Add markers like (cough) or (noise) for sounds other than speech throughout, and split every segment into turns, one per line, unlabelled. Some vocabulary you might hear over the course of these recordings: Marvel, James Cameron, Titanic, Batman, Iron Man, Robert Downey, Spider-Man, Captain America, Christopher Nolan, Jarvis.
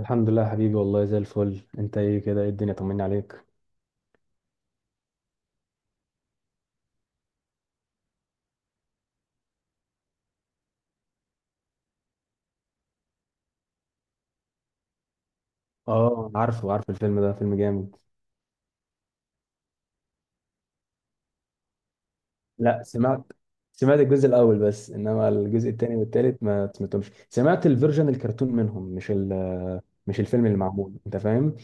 الحمد لله يا حبيبي، والله زي الفل. انت ايه كده؟ ايه الدنيا؟ طمني عليك. اه، عارف الفيلم ده، فيلم جامد. لا، سمعت الجزء الاول بس، انما الجزء الثاني والثالث ما سمعتهمش. سمعت الفيرجن الكرتون منهم، مش مش الفيلم اللي معمول، انت فاهم.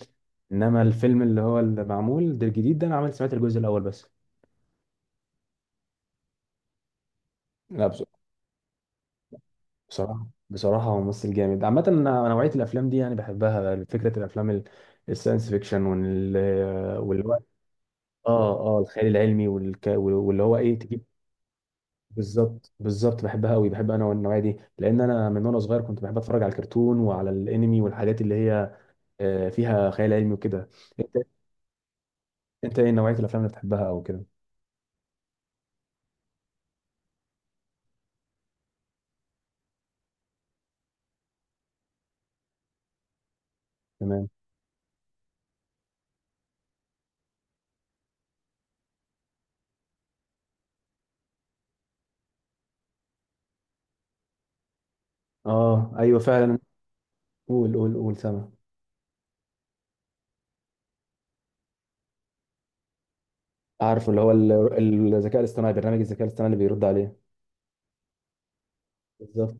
انما الفيلم اللي هو اللي معمول ده الجديد ده، انا عملت سمعت الجزء الاول بس. لا، بصراحه هو ممثل جامد عامه. انا نوعيه الافلام دي يعني بحبها، فكره الافلام الساينس فيكشن واللي اه الخيال العلمي واللي هو ايه، تجيب. بالظبط، بالظبط بحبها قوي، بحب انا والنوعيه دي، لان انا من وانا صغير كنت بحب اتفرج على الكرتون وعلى الانمي والحاجات اللي هي فيها خيال علمي وكده. انت انت ايه نوعيه الافلام اللي بتحبها او كده؟ تمام. اه ايوه، فعلا. قول قول قول سما. عارفه، اللي هو الذكاء الاصطناعي، برنامج الذكاء الاصطناعي اللي بيرد عليه. بالظبط.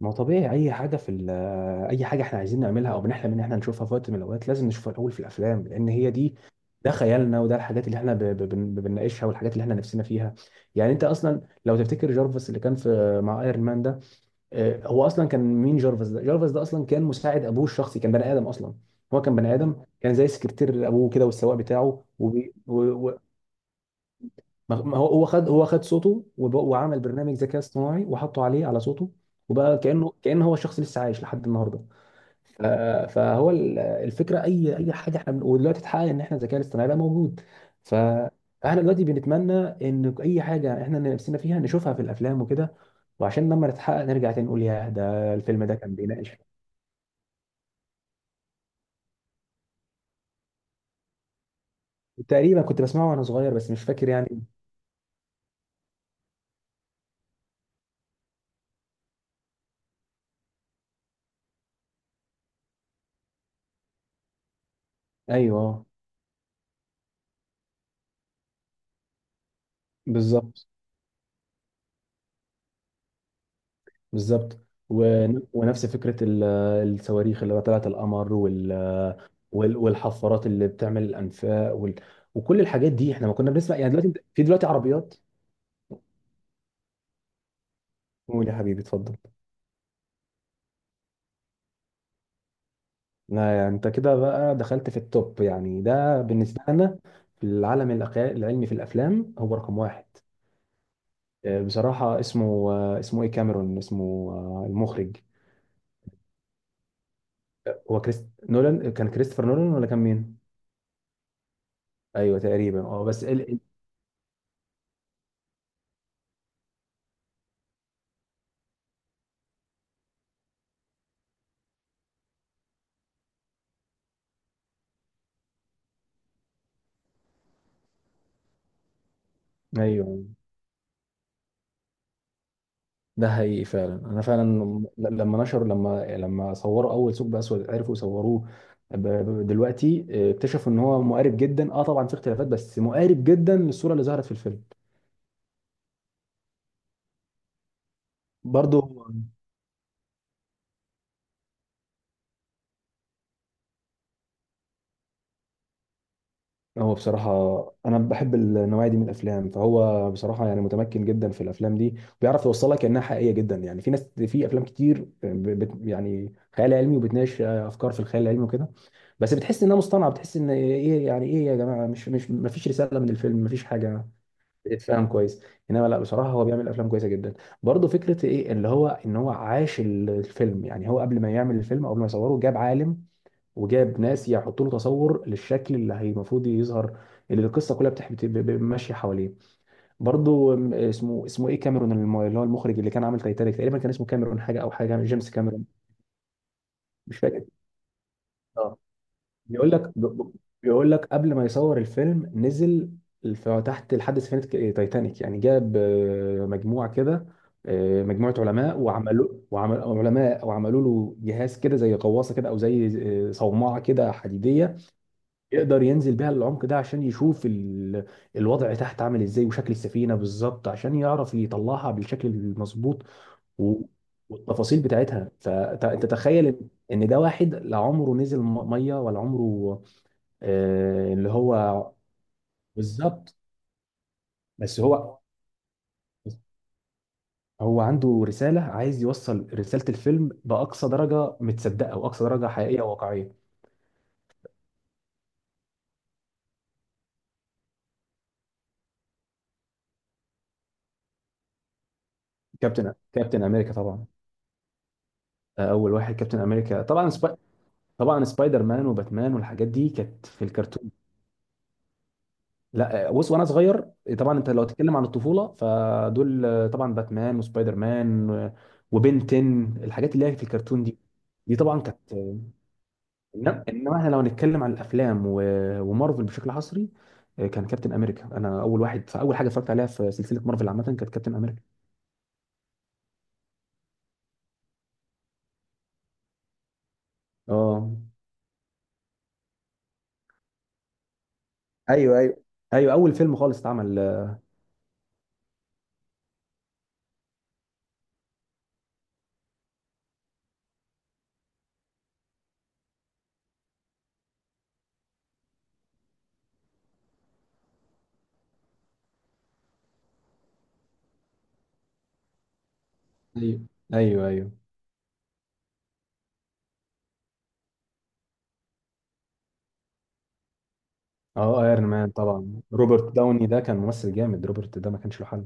ما هو طبيعي، اي حاجه في اي حاجه احنا عايزين نعملها او بنحلم ان احنا نشوفها في وقت من الاوقات، لازم نشوفها الاول في الافلام، لان هي دي. ده خيالنا، وده الحاجات اللي احنا بنناقشها والحاجات اللي احنا نفسنا فيها. يعني انت اصلا لو تفتكر جارفس اللي كان في مع ايرون مان ده، هو اصلا كان مين؟ جارفس ده، جارفس ده اصلا كان مساعد ابوه الشخصي، كان بني ادم اصلا. هو كان بني ادم، كان زي سكرتير ابوه كده والسواق بتاعه. ما هو خد صوته، وعمل برنامج ذكاء اصطناعي وحطه عليه على صوته، وبقى كأنه هو الشخص لسه عايش لحد النهارده. ف- فهو الفكره، اي حاجه احنا ودلوقتي اتحقق ان احنا الذكاء الاصطناعي بقى موجود. ف فاحنا دلوقتي بنتمنى ان اي حاجه احنا نفسنا فيها نشوفها في الافلام وكده، وعشان لما نتحقق نرجع تاني نقول ياه، ده الفيلم ده كان بيناقش. تقريبا كنت بسمعه وانا صغير بس مش فاكر يعني. ايوه. بالظبط، بالظبط. ونفس فكرة الصواريخ اللي طلعت القمر والحفارات اللي بتعمل الأنفاق وكل الحاجات دي احنا ما كنا بنسمع يعني. دلوقتي في عربيات. قول يا حبيبي، اتفضل. لا يعني انت كده بقى دخلت في التوب يعني، ده بالنسبة لنا في العالم العلمي في الأفلام، هو رقم واحد. بصراحة اسمه، اسمه ايه، كاميرون اسمه، المخرج. هو كريست نولان كان كريستوفر نولان ولا كان مين؟ ايوه تقريبا، بس ايوه. ده حقيقي فعلا. انا فعلا، ل- لما نشروا لما لما صوروا اول ثقب اسود، عرفوا يصوروه. ب- دلوقتي اكتشفوا ان هو مقارب جدا. اه طبعا في اختلافات، بس مقارب جدا للصوره اللي ظهرت في الفيلم. برضو. هو بصراحة، أنا بحب النوعية دي من الأفلام، فهو بصراحة يعني متمكن جدا في الأفلام دي وبيعرف يوصلك إنها حقيقية جدا. يعني في ناس في أفلام كتير ب- بت يعني خيال علمي وبتناقش أفكار في الخيال العلمي وكده، بس بتحس إنها مصطنعة، بتحس إن إيه يعني، إيه يا جماعة؟ مش مفيش رسالة من الفيلم، مفيش حاجة بتتفهم كويس. إنما لا بصراحة هو بيعمل أفلام كويسة جدا. برضه فكرة إيه، اللي هو إن هو عاش الفيلم. يعني هو قبل ما يعمل الفيلم أو قبل ما يصوره، جاب عالم وجاب ناس يحطوا له تصور للشكل اللي هي المفروض يظهر، اللي القصه كلها ماشيه حواليه. برضو اسمه ايه، كاميرون، اللي هو المخرج اللي كان عامل تايتانيك، تقريبا كان اسمه كاميرون حاجه، او حاجه، جيمس كاميرون. مش فاكر. اه. بيقول لك، بيقول لك قبل ما يصور الفيلم، نزل في تحت لحد سفينه تايتانيك يعني. جاب مجموعه كده، اه، مجموعه علماء وعمل علماء وعملوا له جهاز كده زي غواصه كده، او زي اه، صومعه كده حديديه، يقدر ينزل بيها العمق ده عشان يشوف الوضع تحت عامل ازاي، وشكل السفينة بالظبط عشان يعرف يطلعها بالشكل المظبوط و... والتفاصيل بتاعتها. فانت تخيل ان، إن ده واحد لا عمره نزل مية ولا عمره، آه، اللي هو. بالظبط. بس هو، هو عنده رسالة، عايز يوصل رسالة الفيلم بأقصى درجة متصدقة وأقصى درجة حقيقية وواقعية. كابتن أمريكا طبعا. أول واحد كابتن أمريكا طبعا. طبعا سبايدر مان وباتمان والحاجات دي كانت في الكرتون. لا بص، وانا صغير طبعا. انت لو تتكلم عن الطفوله فدول طبعا باتمان وسبايدر مان وبنتن، الحاجات اللي هي في الكرتون دي. دي طبعا كانت. إنما احنا لو نتكلم عن الافلام ومارفل بشكل حصري، كان كابتن امريكا. انا اول واحد، فاول حاجه اتفرجت عليها في سلسله مارفل عامه كانت كابتن امريكا. اه ايوه، ايوه، ايوه. اول فيلم خالص اتعمل. ايوه، ايوه، ايوه. اه، ايرون مان طبعا. روبرت داوني ده كان ممثل جامد، روبرت ده ما كانش له حل.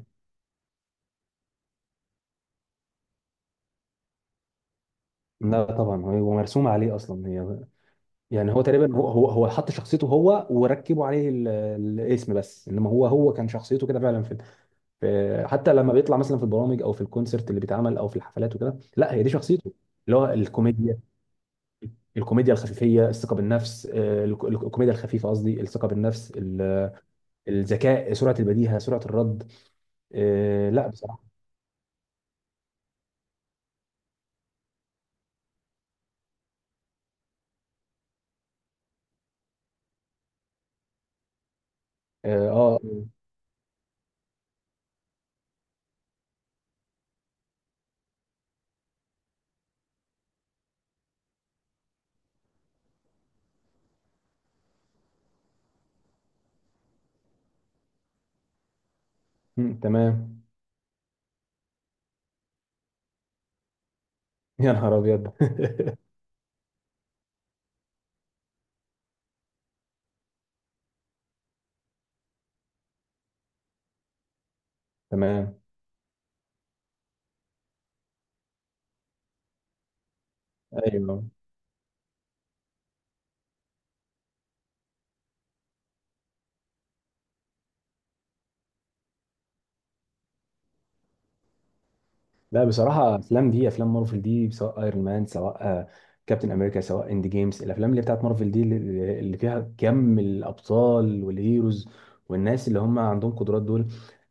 لا طبعا، هو مرسوم عليه اصلا هي. يعني هو تقريبا، هو حط شخصيته هو وركبوا عليه الاسم بس، انما هو كان شخصيته كده فعلا في حتى لما بيطلع مثلا في البرامج او في الكونسرت اللي بيتعمل او في الحفلات وكده، لا هي دي شخصيته. اللي هو الكوميديا. الكوميديا الخفيفيه، الثقه بالنفس، الكوميديا الخفيفه قصدي، الثقه بالنفس، الذكاء، سرعه البديهه، سرعه الرد. لا بصراحه. اه. آه، تمام. (laughs) يا نهار ابيض. (laughs) تمام. ايوه. لا بصراحه، افلام دي، افلام مارفل دي، سواء ايرون مان، سواء كابتن امريكا، سواء اند جيمز، الافلام اللي بتاعت مارفل دي اللي اللي فيها كم الابطال والهيروز والناس اللي هم عندهم قدرات دول،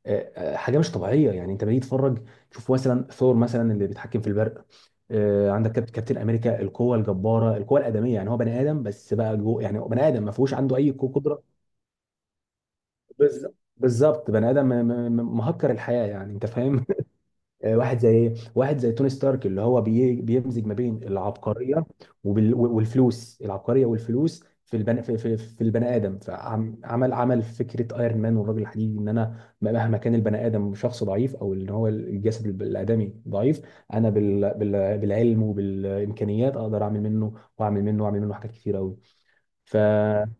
حاجه مش طبيعيه يعني. انت بتيجي تتفرج، تشوف مثلا ثور مثلا اللي بيتحكم في البرق، عندك كابتن امريكا، القوه الجباره، القوه الادميه، يعني هو بني ادم بس بقى، جوه يعني هو بني ادم ما فيهوش عنده اي قدره. بالظ- بالظبط، بني ادم مهكر الحياه، يعني انت فاهم. (laughs) واحد زي ايه، واحد زي توني ستارك اللي هو بيمزج ما بين العبقريه والفلوس، العبقريه والفلوس في البني ادم، فعمل، عمل فكره ايرون مان والرجل الحديدي، ان انا مهما كان البني ادم شخص ضعيف، او ان هو الجسد الادمي ضعيف، انا بال بالعلم وبالامكانيات اقدر اعمل منه واعمل منه واعمل منه حاجات كتير قوي. فتمام.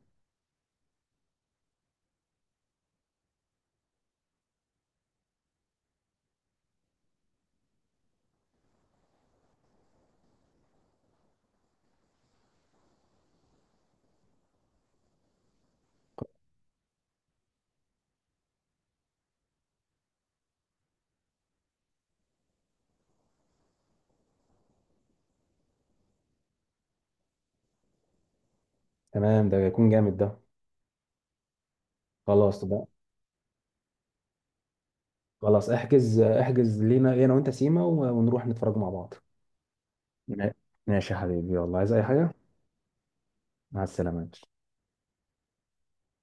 ده يكون جامد ده. خلاص، خلاص. احجز لينا انا وانت سيما ونروح نتفرج مع بعض. ماشي يا حبيبي، والله عايز اي حاجة. مع السلامة.